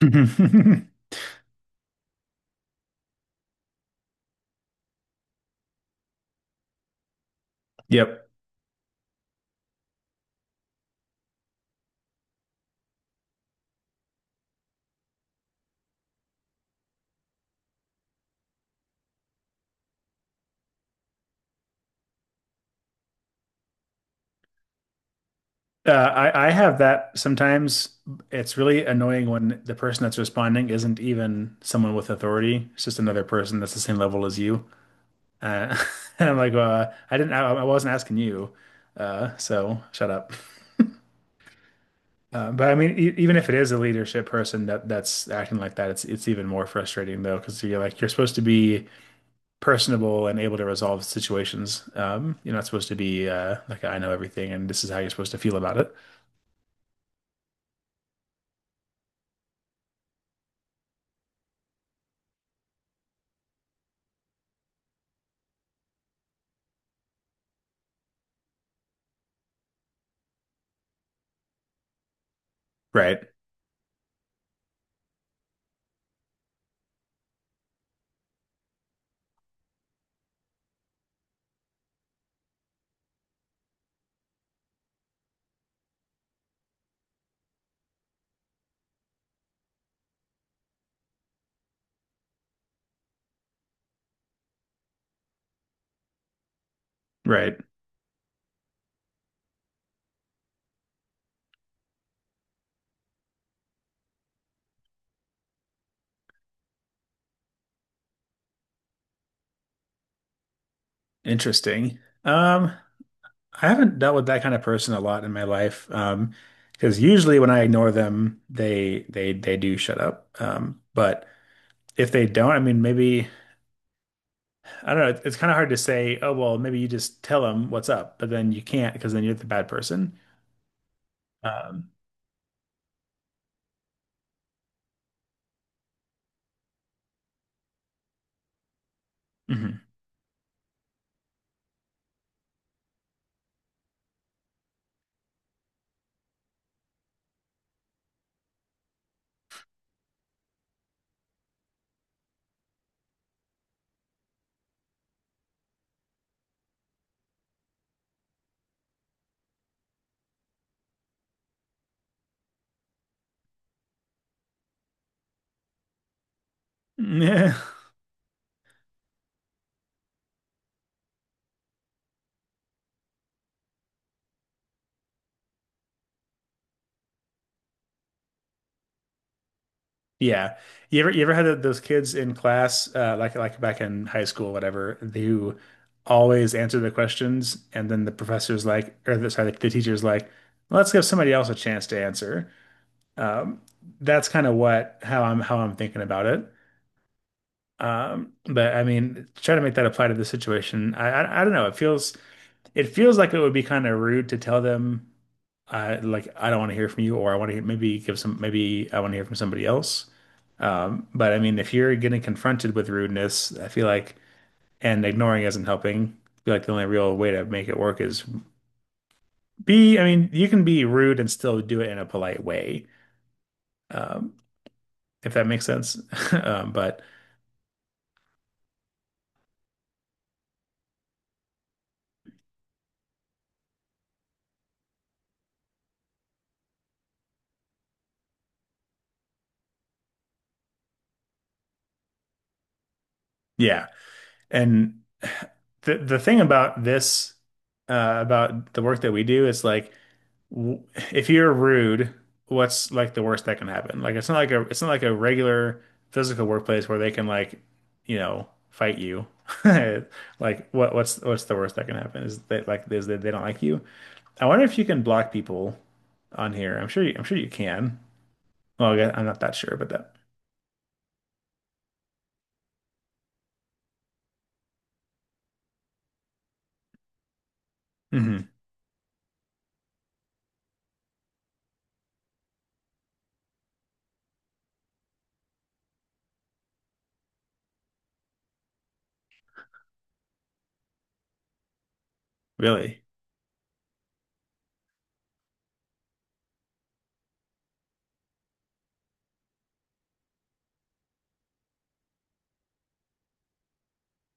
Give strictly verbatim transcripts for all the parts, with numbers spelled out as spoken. Yep. Uh, I, I have that sometimes. It's really annoying when the person that's responding isn't even someone with authority. It's just another person that's the same level as you. Uh, and I'm like, uh, I didn't, I, I wasn't asking you. Uh, so shut up. Uh, but I mean, e even if it is a leadership person that that's acting like that, it's it's even more frustrating though, because you're like you're supposed to be personable and able to resolve situations. Um, you're not supposed to be uh, like I know everything and this is how you're supposed to feel about it, right? Right. Interesting. Um, I haven't dealt with that kind of person a lot in my life. Um, because usually when I ignore them, they they they do shut up. Um, but if they don't, I mean, maybe I don't know. It's kind of hard to say, oh, well, maybe you just tell them what's up, but then you can't because then you're the bad person. Um, mhm. Yeah. You ever you ever had those kids in class, uh, like like back in high school, whatever, who always answer the questions, and then the professor's like, or the, sorry, the teacher's like, let's give somebody else a chance to answer. Um, that's kind of what how I'm how I'm thinking about it. Um, but I mean, try to make that apply to the situation. I, I I don't know. It feels it feels like it would be kind of rude to tell them, uh, like I don't want to hear from you, or I want to maybe give some maybe I want to hear from somebody else. Um, but I mean, if you're getting confronted with rudeness, I feel like, and ignoring isn't helping. I feel like the only real way to make it work is be, I mean, you can be rude and still do it in a polite way, um, if that makes sense. Um, but yeah, and the the thing about this, uh, about the work that we do is like w- if you're rude, what's like the worst that can happen? Like it's not like a it's not like a regular physical workplace where they can like, you know, fight you. Like what what's what's the worst that can happen is that like is that they don't like you. I wonder if you can block people on here. I'm sure you, I'm sure you can. Well, I guess- I'm not that sure about that. Hmm. Really?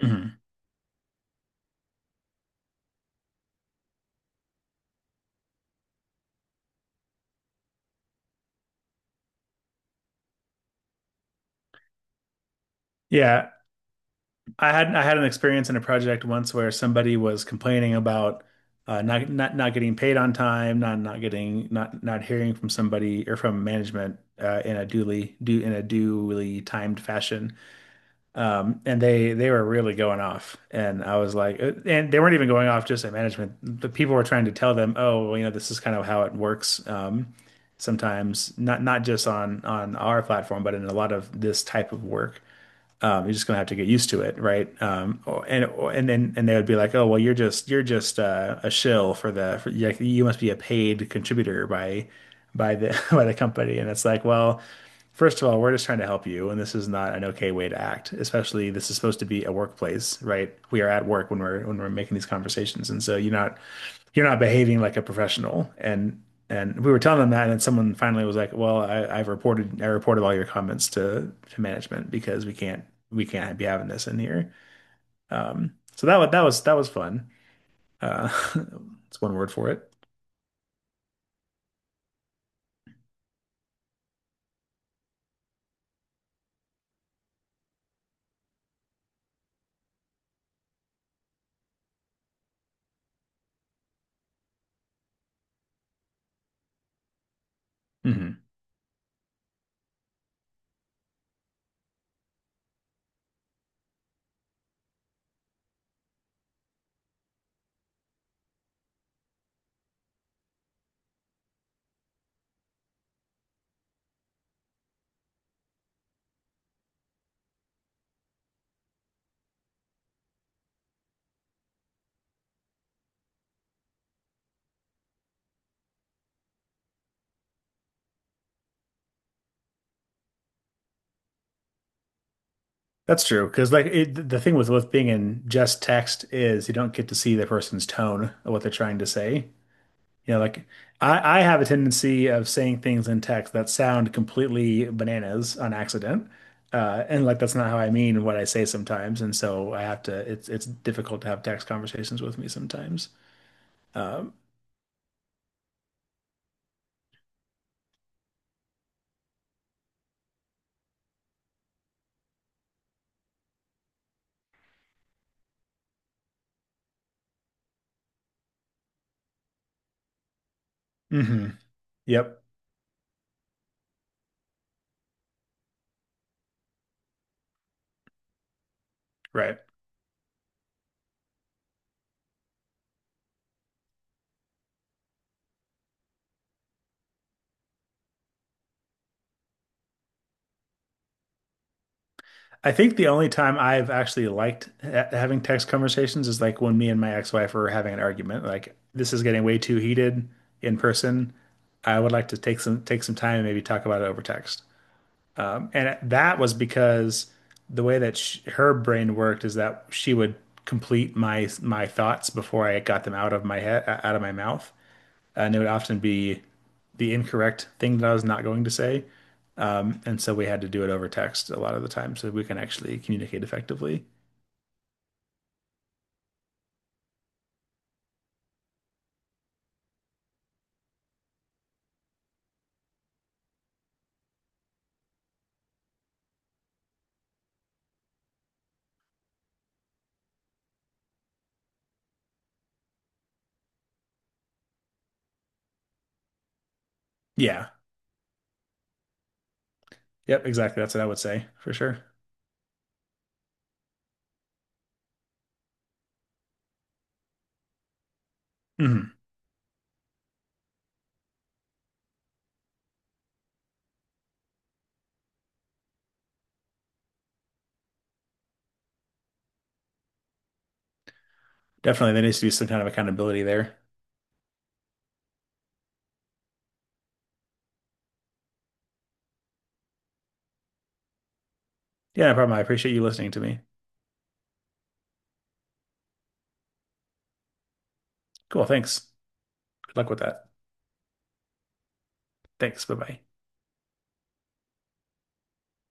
Hmm. Yeah. I had I had an experience in a project once where somebody was complaining about uh, not not not getting paid on time, not not getting not not hearing from somebody or from management uh, in a duly due in a duly timed fashion. Um, and they they were really going off, and I was like, uh, and they weren't even going off just at management. The people were trying to tell them, oh, well, you know, this is kind of how it works. Um, sometimes not not just on on our platform, but in a lot of this type of work. Um, you're just gonna have to get used to it, right? Um, or- and or- and then and They would be like, oh well, you're just you're just uh, a shill for the for, like you must be a paid contributor by by the by the company, and it's like, well, first of all, we're just trying to help you, and this is not an okay way to act. Especially this is supposed to be a workplace, right? We are at work when we're when we're making these conversations, and so you're not you're not behaving like a professional. And and we were telling them that, and then someone finally was like, "Well, I, I've reported I reported all your comments to to management because we can't we can't be having this in here." Um, so that was that was that was fun. Uh, it's one word for it. Hmm. That's true because like it, the thing with with being in just text is you don't get to see the person's tone of what they're trying to say. Yeah, like I, I have a tendency of saying things in text that sound completely bananas on accident. Uh, and like that's not how I mean what I say sometimes. And so I have to it's it's difficult to have text conversations with me sometimes. Um, hmm. Yep. Right. I think the only time I've actually liked ha having text conversations is like when me and my ex-wife were having an argument. Like this is getting way too heated in person. I would like to take some take some time and maybe talk about it over text. Um, and that was because the way that sh her brain worked is that she would complete my my thoughts before I got them out of my head, out of my mouth, and it would often be the incorrect thing that I was not going to say. Um, and so we had to do it over text a lot of the time so we can actually communicate effectively. Yeah. Yep. Exactly. That's what I would say for sure. Hmm. Definitely, there needs to be some kind of accountability there. Yeah, no problem. I appreciate you listening to me. Cool. Thanks. Good luck with that. Thanks. Bye bye.